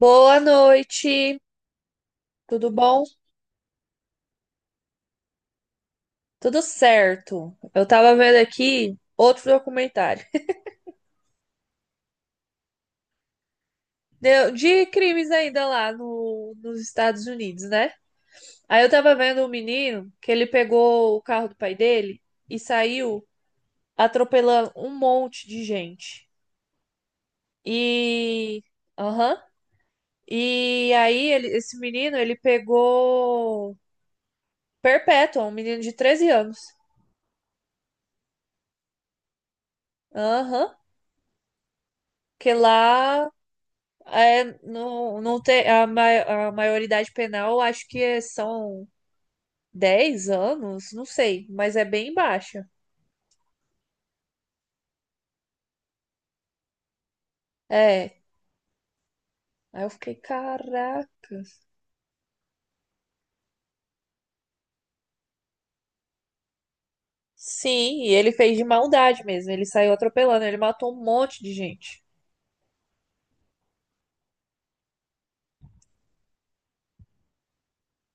Boa noite, tudo bom? Tudo certo. Eu tava vendo aqui outro documentário de crimes ainda lá nos Estados Unidos, né? Aí eu tava vendo um menino que ele pegou o carro do pai dele e saiu atropelando um monte de gente. E, aham. E aí esse menino ele pegou perpétua, um menino de 13 anos. Aham. Que lá, é, não tem a maioridade penal, acho que são 10 anos, não sei, mas é bem baixa. É. Aí eu fiquei, caracas. Sim, e ele fez de maldade mesmo. Ele saiu atropelando, ele matou um monte de gente.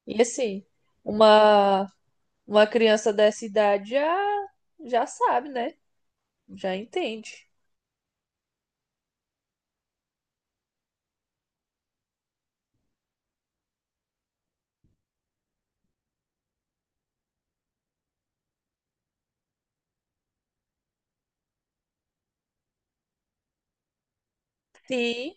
E assim, uma, uma criança dessa idade já, já sabe, né? Já entende. Sim,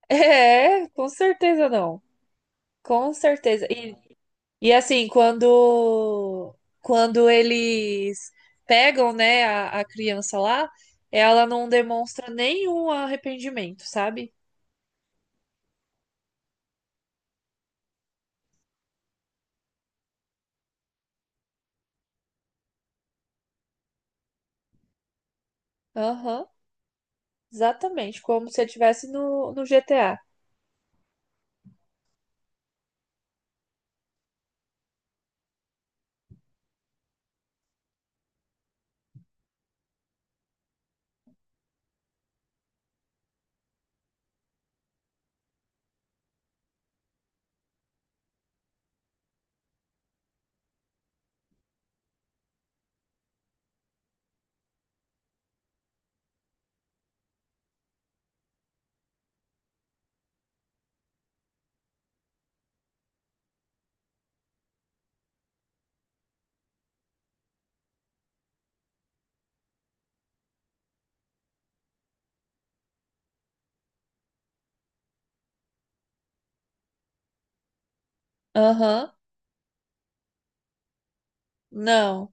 é, com certeza não. Com certeza. E assim, quando eles pegam, né, a criança lá, ela não demonstra nenhum arrependimento, sabe? Aham, exatamente, como se eu tivesse no GTA. Aham, não,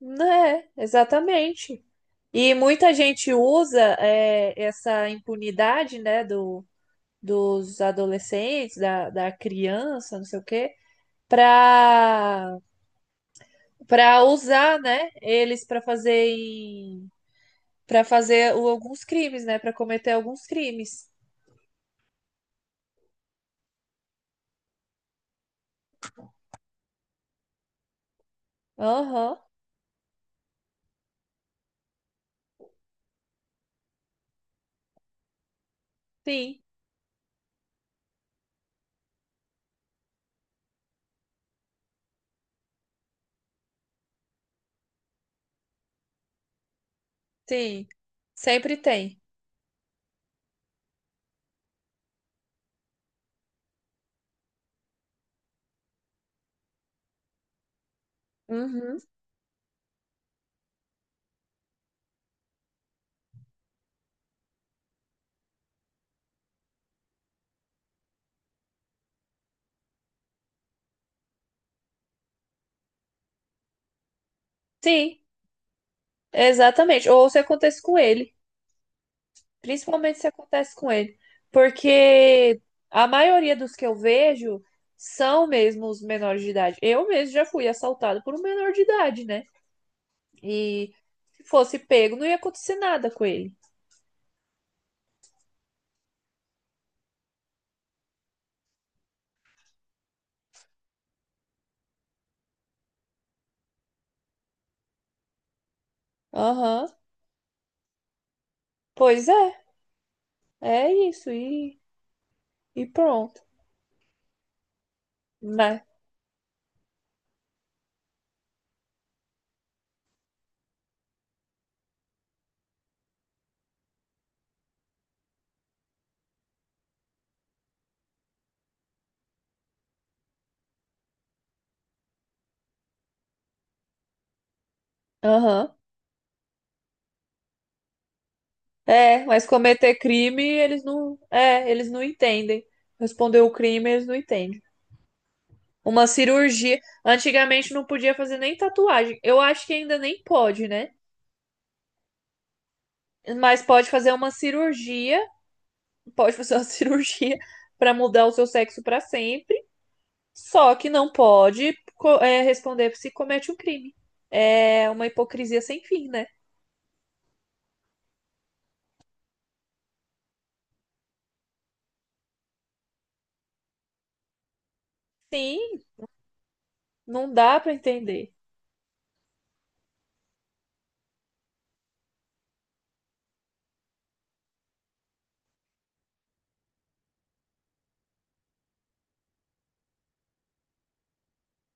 né, exatamente. E muita gente usa é, essa impunidade, né, dos adolescentes, da criança, não sei o quê, para para usar, né, eles para fazer para fazer alguns crimes, né, para cometer alguns crimes. Aham. Sim, sim. Sempre tem. Uhum. Sim, exatamente. Ou se acontece com ele, principalmente se acontece com ele, porque a maioria dos que eu vejo são mesmo os menores de idade. Eu mesmo já fui assaltado por um menor de idade, né? E se fosse pego, não ia acontecer nada com ele. Aham. Pois é. É isso, e pronto. Mas, aham. É, mas cometer crime, eles não entendem. Responder o crime, eles não entendem. Uma cirurgia, antigamente não podia fazer nem tatuagem. Eu acho que ainda nem pode, né? Mas pode fazer uma cirurgia, pode fazer uma cirurgia para mudar o seu sexo para sempre, só que não pode, responder se comete um crime. É uma hipocrisia sem fim, né? Sim, não dá para entender.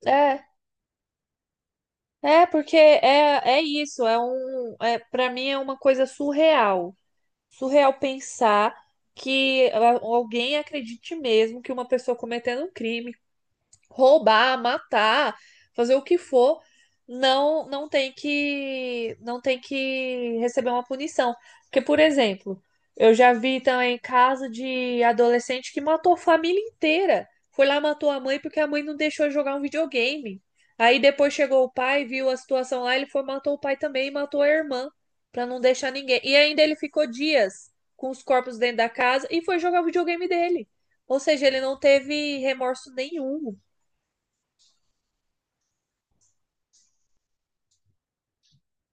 É. É, porque é isso, para mim é uma coisa surreal. Surreal pensar que alguém acredite mesmo que uma pessoa cometendo um crime roubar, matar, fazer o que for, não tem que receber uma punição. Porque, por exemplo, eu já vi também caso de adolescente que matou a família inteira. Foi lá matou a mãe porque a mãe não deixou ele jogar um videogame. Aí depois chegou o pai, viu a situação lá, ele foi matou o pai também e matou a irmã para não deixar ninguém. E ainda ele ficou dias com os corpos dentro da casa e foi jogar o videogame dele. Ou seja, ele não teve remorso nenhum.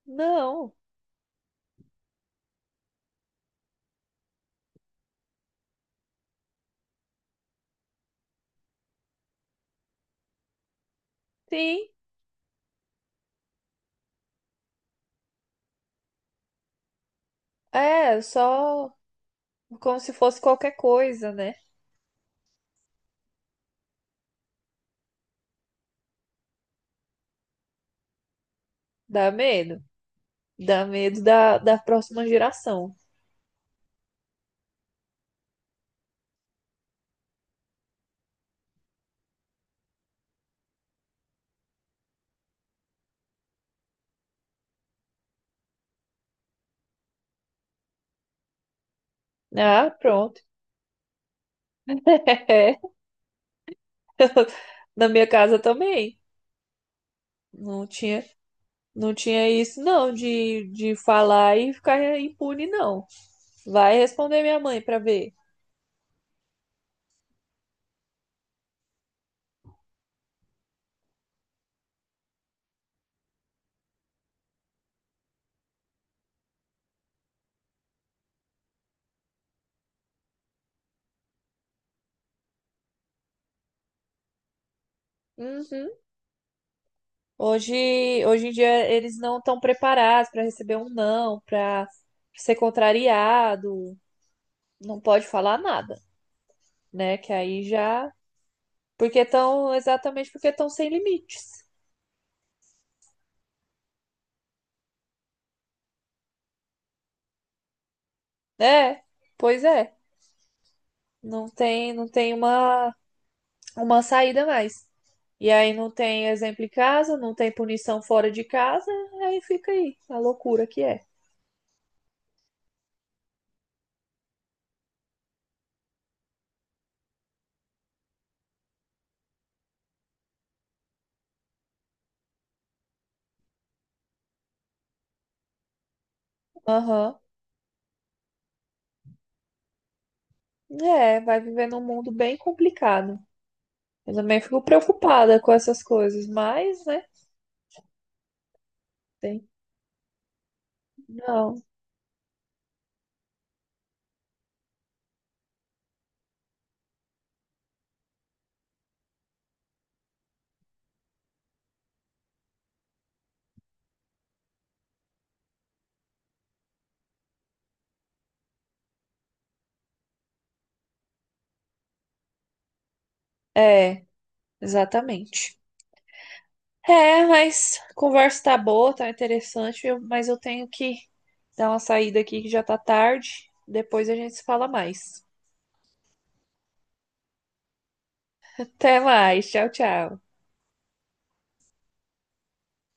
Não, sim. É, só como se fosse qualquer coisa, né? Dá medo. Dá medo da próxima geração. Ah, pronto. É, na minha casa também. Não tinha, não tinha isso, não, de falar e ficar impune, não. Vai responder minha mãe pra ver. Uhum. Hoje em dia eles não estão preparados pra receber um não, pra ser contrariado. Não pode falar nada, né? Que aí já Exatamente porque estão sem limites. É, pois é. Não tem uma saída mais. E aí não tem exemplo em casa, não tem punição fora de casa, aí fica aí, a loucura que é. Aham. É, vai viver num mundo bem complicado. Eu também fico preocupada com essas coisas, mas, né, tem. Não. É, exatamente. É, mas a conversa tá boa, tá interessante, mas eu tenho que dar uma saída aqui que já tá tarde. Depois a gente se fala mais. Até mais, tchau, tchau.